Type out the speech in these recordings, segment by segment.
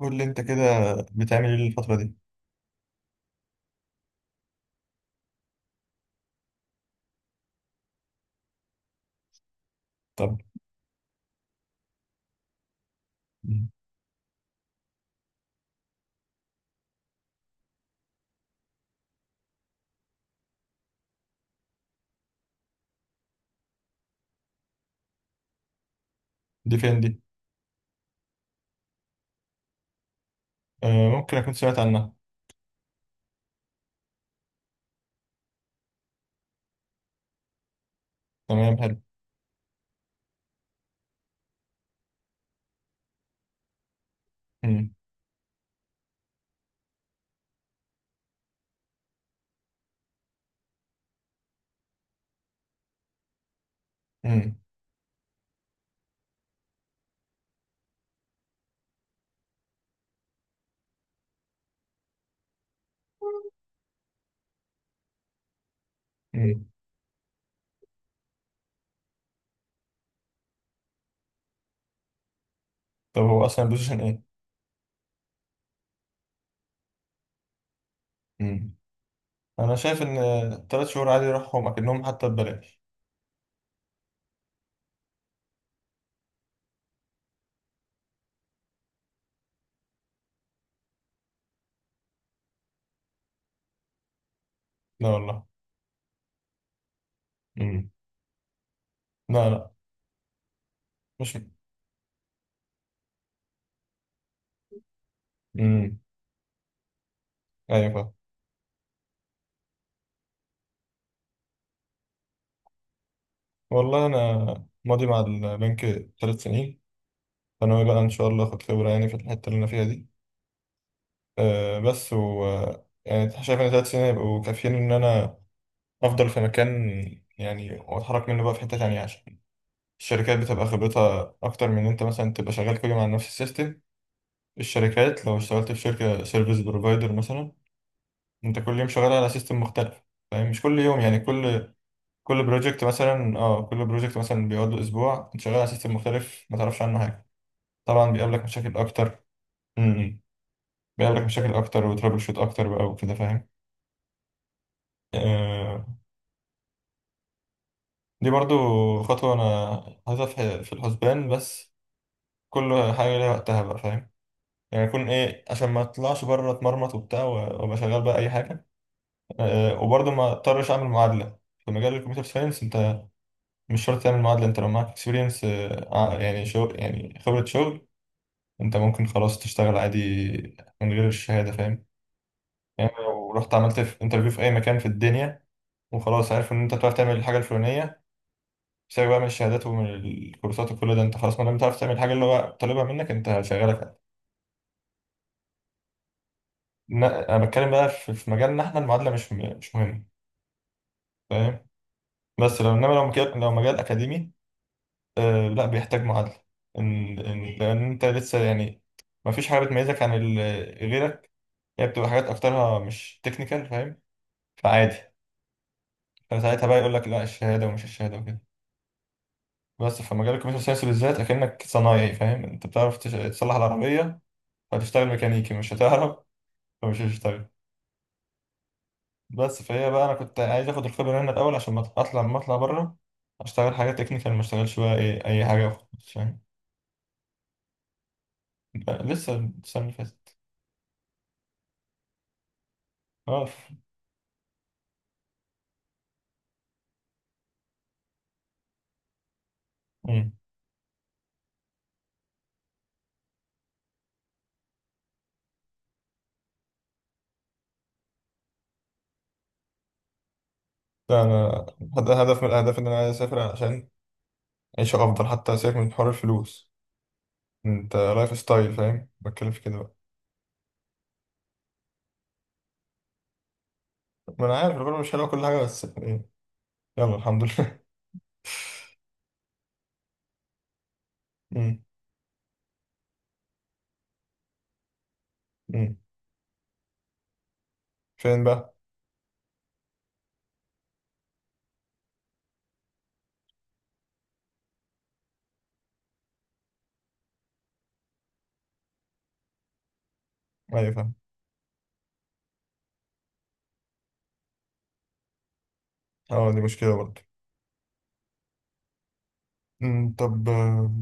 قول لي انت كده، بتعمل ايه الفترة دي؟ طب. مم. دي فين دي؟ آه، ممكن اكون سمعت عنها. تمام، حلو. مم. مم. مم. طب هو اصلا البوزيشن ايه؟ مم. انا شايف ان 3 شهور عادي يروحهم اكنهم حتى ببلاش. لا والله. مم. لا لا. مش. مم. ايوه فاهم. والله انا ماضي مع البنك 3 سنين، فانا بقى ان شاء الله اخد خبرة يعني في الحتة اللي انا فيها دي. آه بس و آه، يعني شايف ان 3 سنين يبقوا كافيين ان انا افضل في مكان، يعني واتحرك منه بقى في حتة تانية، عشان الشركات بتبقى خبرتها اكتر من إن انت مثلا تبقى شغال كل يوم على نفس السيستم. الشركات لو اشتغلت في شركة سيرفيس بروفايدر مثلا، انت كل يوم شغال على سيستم مختلف، فاهم؟ مش كل يوم يعني، كل، كل بروجكت مثلا، اه كل بروجكت مثلا بيقعد له اسبوع، انت شغال على سيستم مختلف ما تعرفش عنه حاجة. طبعا بيقابلك مشاكل اكتر. امم. بيقابلك مشاكل اكتر وترابل شوت اكتر بقى وكده، فاهم؟ آه. دي برضو خطوة انا حاططها في الحسبان، بس كل حاجة ليها وقتها بقى، فاهم؟ يعني يكون ايه، عشان ما اطلعش بره اتمرمط وبتاع و- وابقى شغال بقى اي حاجة. أه وبرضه ما اضطرش اعمل معادلة في مجال الكمبيوتر ساينس. انت مش شرط تعمل معادلة، انت لو معاك اكسبيرينس، يعني شغل، يعني خبرة شغل، انت ممكن خلاص تشتغل عادي من غير الشهادة، فاهم؟ يعني لو رحت عملت في انترفيو في اي مكان في الدنيا، وخلاص عارف ان انت بتعرف تعمل الحاجة الفلانية، سيبك بقى من الشهادات ومن الكورسات وكل ده، انت خلاص ما دام بتعرف تعمل الحاجة اللي هو طالبها منك، انت شغالك. لا، انا بتكلم بقى في مجالنا احنا، المعادله مش مهمه، فاهم؟ بس لو انما لو مجال، لو مجال اكاديمي، آه لا بيحتاج معادله. إن لان انت لسه يعني ما فيش حاجه بتميزك عن غيرك. هي بتبقى حاجات اكترها مش تكنيكال، فاهم؟ فعادي. فساعتها بقى يقول لك لا الشهاده ومش الشهاده وكده، بس في مجال الكمبيوتر ساينس بالذات اكنك صنايعي، فاهم؟ انت بتعرف تصلح العربيه، فتشتغل ميكانيكي مش هتعرف، فمش هتشتغل. بس فهي بقى، انا كنت عايز اخد الخبره هنا الاول عشان ما اطلع بره اشتغل حاجه تكنيكال، ما اشتغلش بقى ايه اي حاجه وخلاص، فاهم؟ بقى لسه، السنه اللي فاتت. اه ف- مم. ده انا هدف من الاهداف ان انا عايز اسافر عشان عيشه افضل، حتى سيبك من حوار الفلوس، انت لايف ستايل فاهم، بتكلم في كده بقى. ما انا عارف الغربه مش حلوه كل حاجه، بس إيه، يلا الحمد لله. مم. مم. فين بقى؟ ايوه فاهم. اه دي مشكله برضه. مم. طب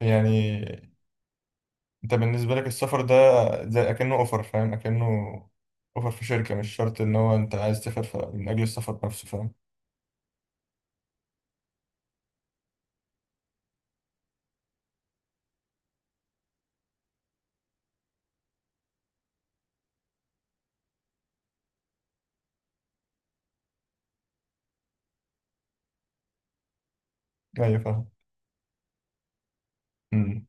يعني انت بالنسبة لك السفر ده زي اكنه اوفر، فاهم؟ اكنه اوفر في شركة، مش شرط ان هو انت عايز تسافر من اجل السفر نفسه، فاهم؟ ايوه فاهم. مم.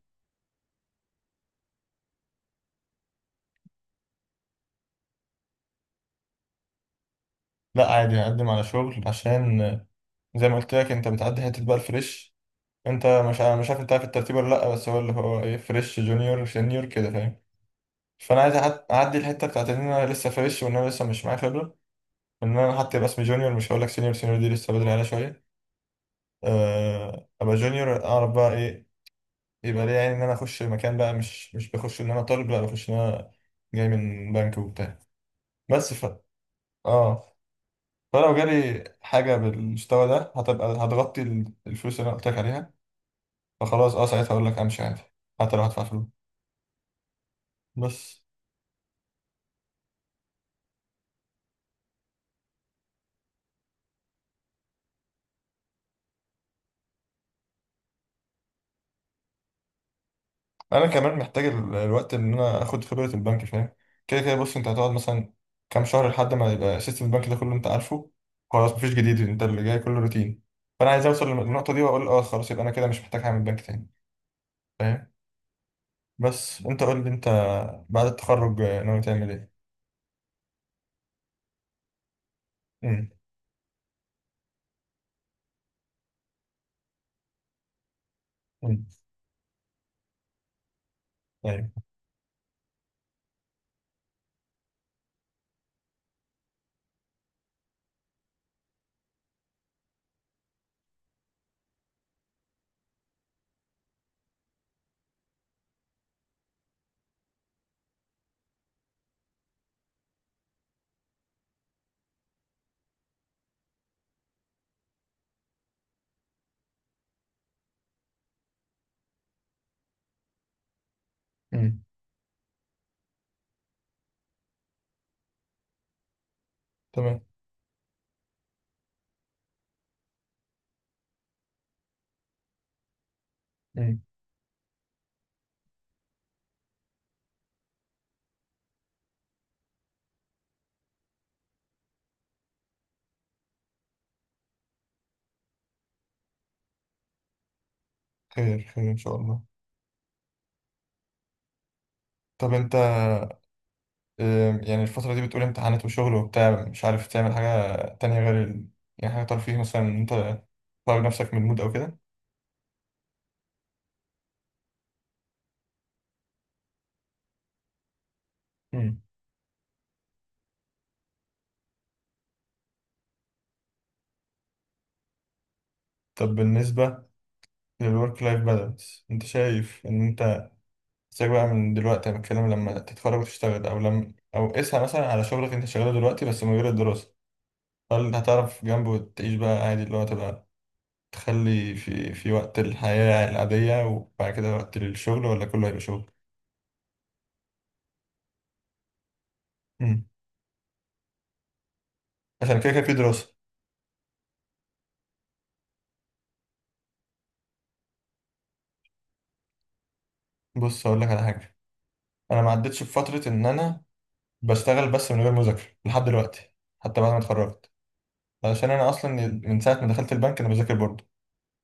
لا عادي هقدم على شغل، عشان زي ما قلت لك، انت بتعدي حتة بقى الفريش. انت مش عارف، انت عارف الترتيب ولا لا؟ بس هو اللي هو ايه، فريش جونيور سينيور كده، فاهم؟ فانا عايز اعدي الحتة بتاعت ان انا لسه فريش، وان انا لسه مش معايا خبرة، ان انا حتى يبقى اسمي جونيور. مش هقول لك سينيور، سينيور دي لسه بدري عليها شوية. ابقى جونيور اعرف بقى ايه يبقى ليه، يعني ان انا اخش مكان بقى مش بخش ان انا طالب، لا بخش ان انا جاي من بنك وبتاع. بس ف، اه، فلو جالي حاجه بالمستوى ده هتبقى الفلوس اللي انا قلت لك عليها. فخلاص اه، ساعتها اقول لك امشي عادي حتى لو هدفع فلوس. بس انا كمان محتاج الوقت ان انا اخد خبره البنك، فاهم؟ كده كده بص، انت هتقعد مثلا كام شهر لحد ما يبقى سيستم البنك ده كله انت عارفه، خلاص مفيش جديد، انت اللي جاي كله روتين. فانا عايز اوصل للنقطه دي واقول اه خلاص، يبقى انا كده مش محتاج اعمل بنك تاني، فاهم؟ بس انت قول لي انت، بعد التخرج ناوي تعمل ايه؟ امم. امم. ايوه. امم. تمام. امم. خير خير ان شاء الله. طب انت، يعني الفترة دي بتقول امتحانات وشغل وبتاع، مش عارف تعمل حاجة تانية غير ال...، يعني حاجة ترفيه مثلا، ان انت تخرج نفسك من المود او كده؟ امم. طب بالنسبة للورك لايف بالانس، انت شايف ان انت ازاي بقى، من دلوقتي انا بتكلم لما تتخرج وتشتغل، او لما، او قيسها مثلا على شغلك انت شغاله دلوقتي بس من غير الدراسة، هل هتعرف جنبه تعيش بقى عادي، اللي هو تبقى تخلي في وقت الحياة العادية، وبعد كده وقت الشغل، ولا كله هيبقى شغل؟ مم. عشان كده كده في دراسة. بص أقول لك على حاجة، أنا ما عدتش بفترة إن أنا بشتغل بس من غير مذاكرة لحد دلوقتي، حتى بعد ما اتخرجت. علشان أنا أصلا من ساعة ما دخلت البنك أنا بذاكر برضه.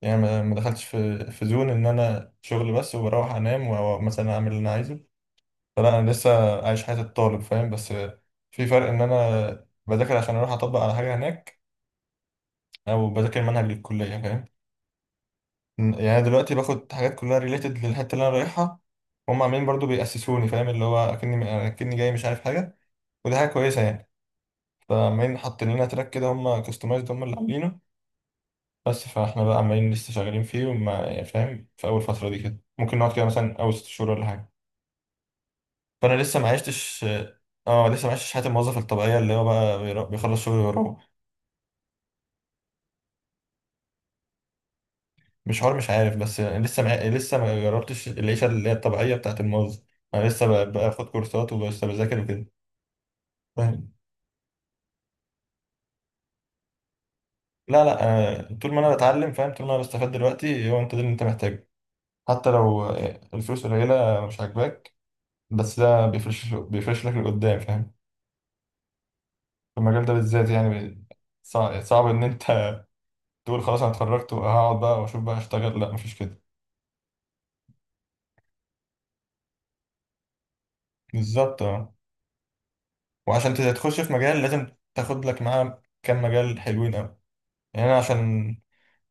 يعني ما دخلتش في زون إن أنا شغل بس وبروح أنام، ومثلا أعمل اللي أنا عايزه. فلا أنا لسه عايش حياة الطالب، فاهم؟ بس في فرق، إن أنا بذاكر عشان أروح أطبق على حاجة هناك، أو بذاكر منهج للكلية، فاهم؟ يعني أنا دلوقتي باخد حاجات كلها ريليتد للحته اللي انا رايحها. هم عاملين برضو بيأسسوني، فاهم؟ اللي هو اكني جاي مش عارف حاجه، ودي حاجه كويسه يعني. فعمالين حاطين لنا تراك كده، هم كاستمايزد هم اللي عاملينه. بس فاحنا بقى عمالين لسه شغالين فيه، وما يعني فاهم، في اول فتره دي كده ممكن نقعد كده مثلا اول 6 شهور ولا حاجه. فانا لسه ما عشتش، اه لسه ما عشتش حياه الموظف الطبيعيه، اللي هو بقى بيخلص شغل ويروح. مش حوار مش عارف، بس يعني لسه ما جربتش العيشه اللي هي الطبيعيه بتاعت الموظف. انا لسه باخد كورسات ولسه بذاكر وكده، فاهم؟ لا لا. طول ما انا بتعلم فاهم، طول ما انا بستفاد دلوقتي، هو انت ده اللي انت محتاجه، حتى لو الفلوس قليله مش عاجباك، بس ده بيفرش لك لقدام، فاهم؟ في المجال ده بالذات يعني، صعب, صعب ان انت تقول خلاص انا اتخرجت وهقعد بقى واشوف بقى اشتغل، لا مفيش كده. بالظبط اه. وعشان تخش في مجال لازم تاخد لك معاه كام مجال حلوين قوي. يعني انا عشان،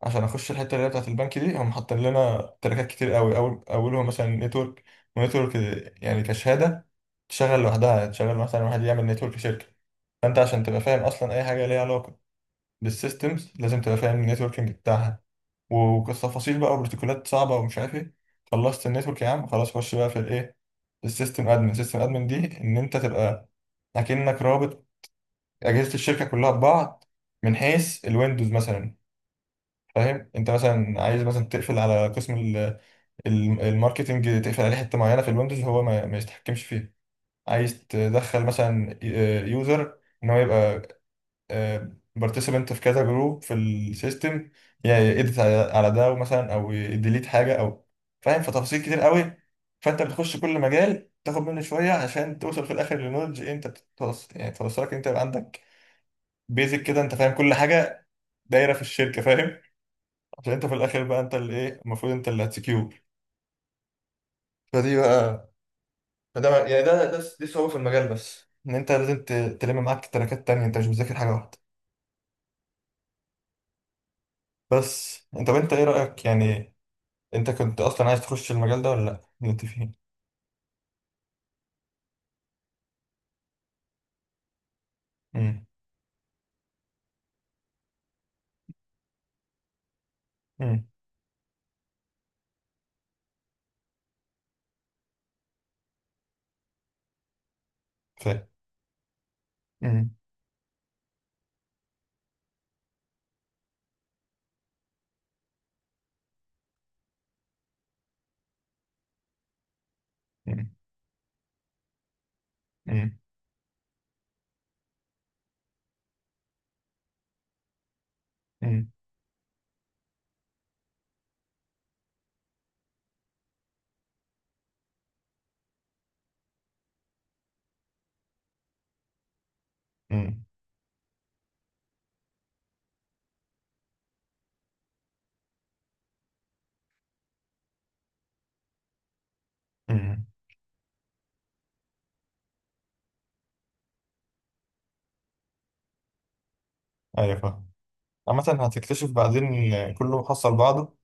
عشان اخش الحته اللي هي بتاعت البنك دي، هم حاطين لنا تراكات كتير قوي، اول اولهم مثلا نتورك. ونتورك يعني كشهاده تشغل لوحدها، تشغل مثلا واحد يعمل نتورك شركه. فانت عشان تبقى فاهم اصلا اي حاجه ليها علاقه بالسيستمز، لازم تبقى فاهم النتوركينج بتاعها، وتفاصيل بقى وبروتوكولات صعبه ومش عارف ايه. خلصت النتورك يا عم، خلاص خش بقى في الايه، السيستم ادمن. سيستم ادمن دي ان انت تبقى اكنك رابط اجهزه الشركه كلها ببعض، من حيث الويندوز مثلا، فاهم؟ انت مثلا عايز مثلا تقفل على قسم الماركتنج، تقفل عليه حته معينه في الويندوز هو ما يتحكمش فيها. عايز تدخل مثلا يوزر ان هو يبقى بارتيسيبنت في كذا جروب في السيستم، يعني يدت على ده، ومثلا او يديليت حاجه او، فاهم؟ فتفاصيل كتير قوي. فانت بتخش كل مجال تاخد منه شويه، عشان توصل في الاخر للنولج انت بتوصل، يعني توصلك انت يبقى عندك بيزك كده، انت فاهم كل حاجه دايره في الشركه، فاهم؟ عشان انت في الاخر بقى، انت اللي ايه، المفروض انت اللي هتسكيور. فدي بقى، يعني ده دي صعوبة في المجال، بس ان انت لازم تلم معاك تراكات تانية، انت مش بتذاكر حاجة واحدة. بس انت، طب انت ايه رأيك يعني، انت كنت اصلا عايز تخش المجال ده ولا لا اللي انت فيه؟ امم. امم. فاهم. امم. امم. امم. امم. امم. امم. ايوه فاهم. عامة هتكتشف بعدين ان كله حصل بعضه.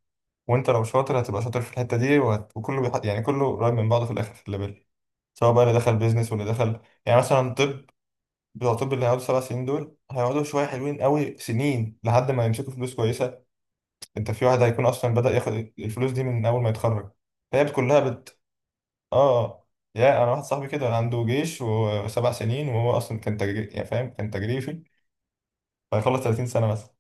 وانت لو شاطر هتبقى شاطر في الحتة دي، وهت...، وكله بيح...، يعني كله قريب من بعضه في الاخر في الليفل، سواء بقى اللي دخل بيزنس واللي دخل. يعني مثلا طب، بتوع طب اللي هيقعدوا 7 سنين دول هيقعدوا شويه حلوين قوي سنين لحد ما يمسكوا فلوس كويسه. انت في واحد هيكون اصلا بدأ ياخد الفلوس دي من اول ما يتخرج. فهي كلها بت، اه. يا انا واحد صاحبي كده عنده جيش وسبع سنين، وهو اصلا كان تجري يعني، فاهم؟ كان تجريفي. فهيخلص 30 سنه مثلا.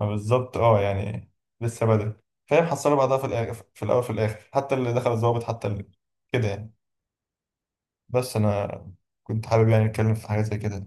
فبالظبط اه يعني، لسه بدري، فاهم؟ حصلوا بعضها في الاخر، في الاول في الاخر، حتى اللي دخل الضابط، حتى اللي كده يعني. بس انا كنت حابب يعني اتكلم في حاجه زي كده.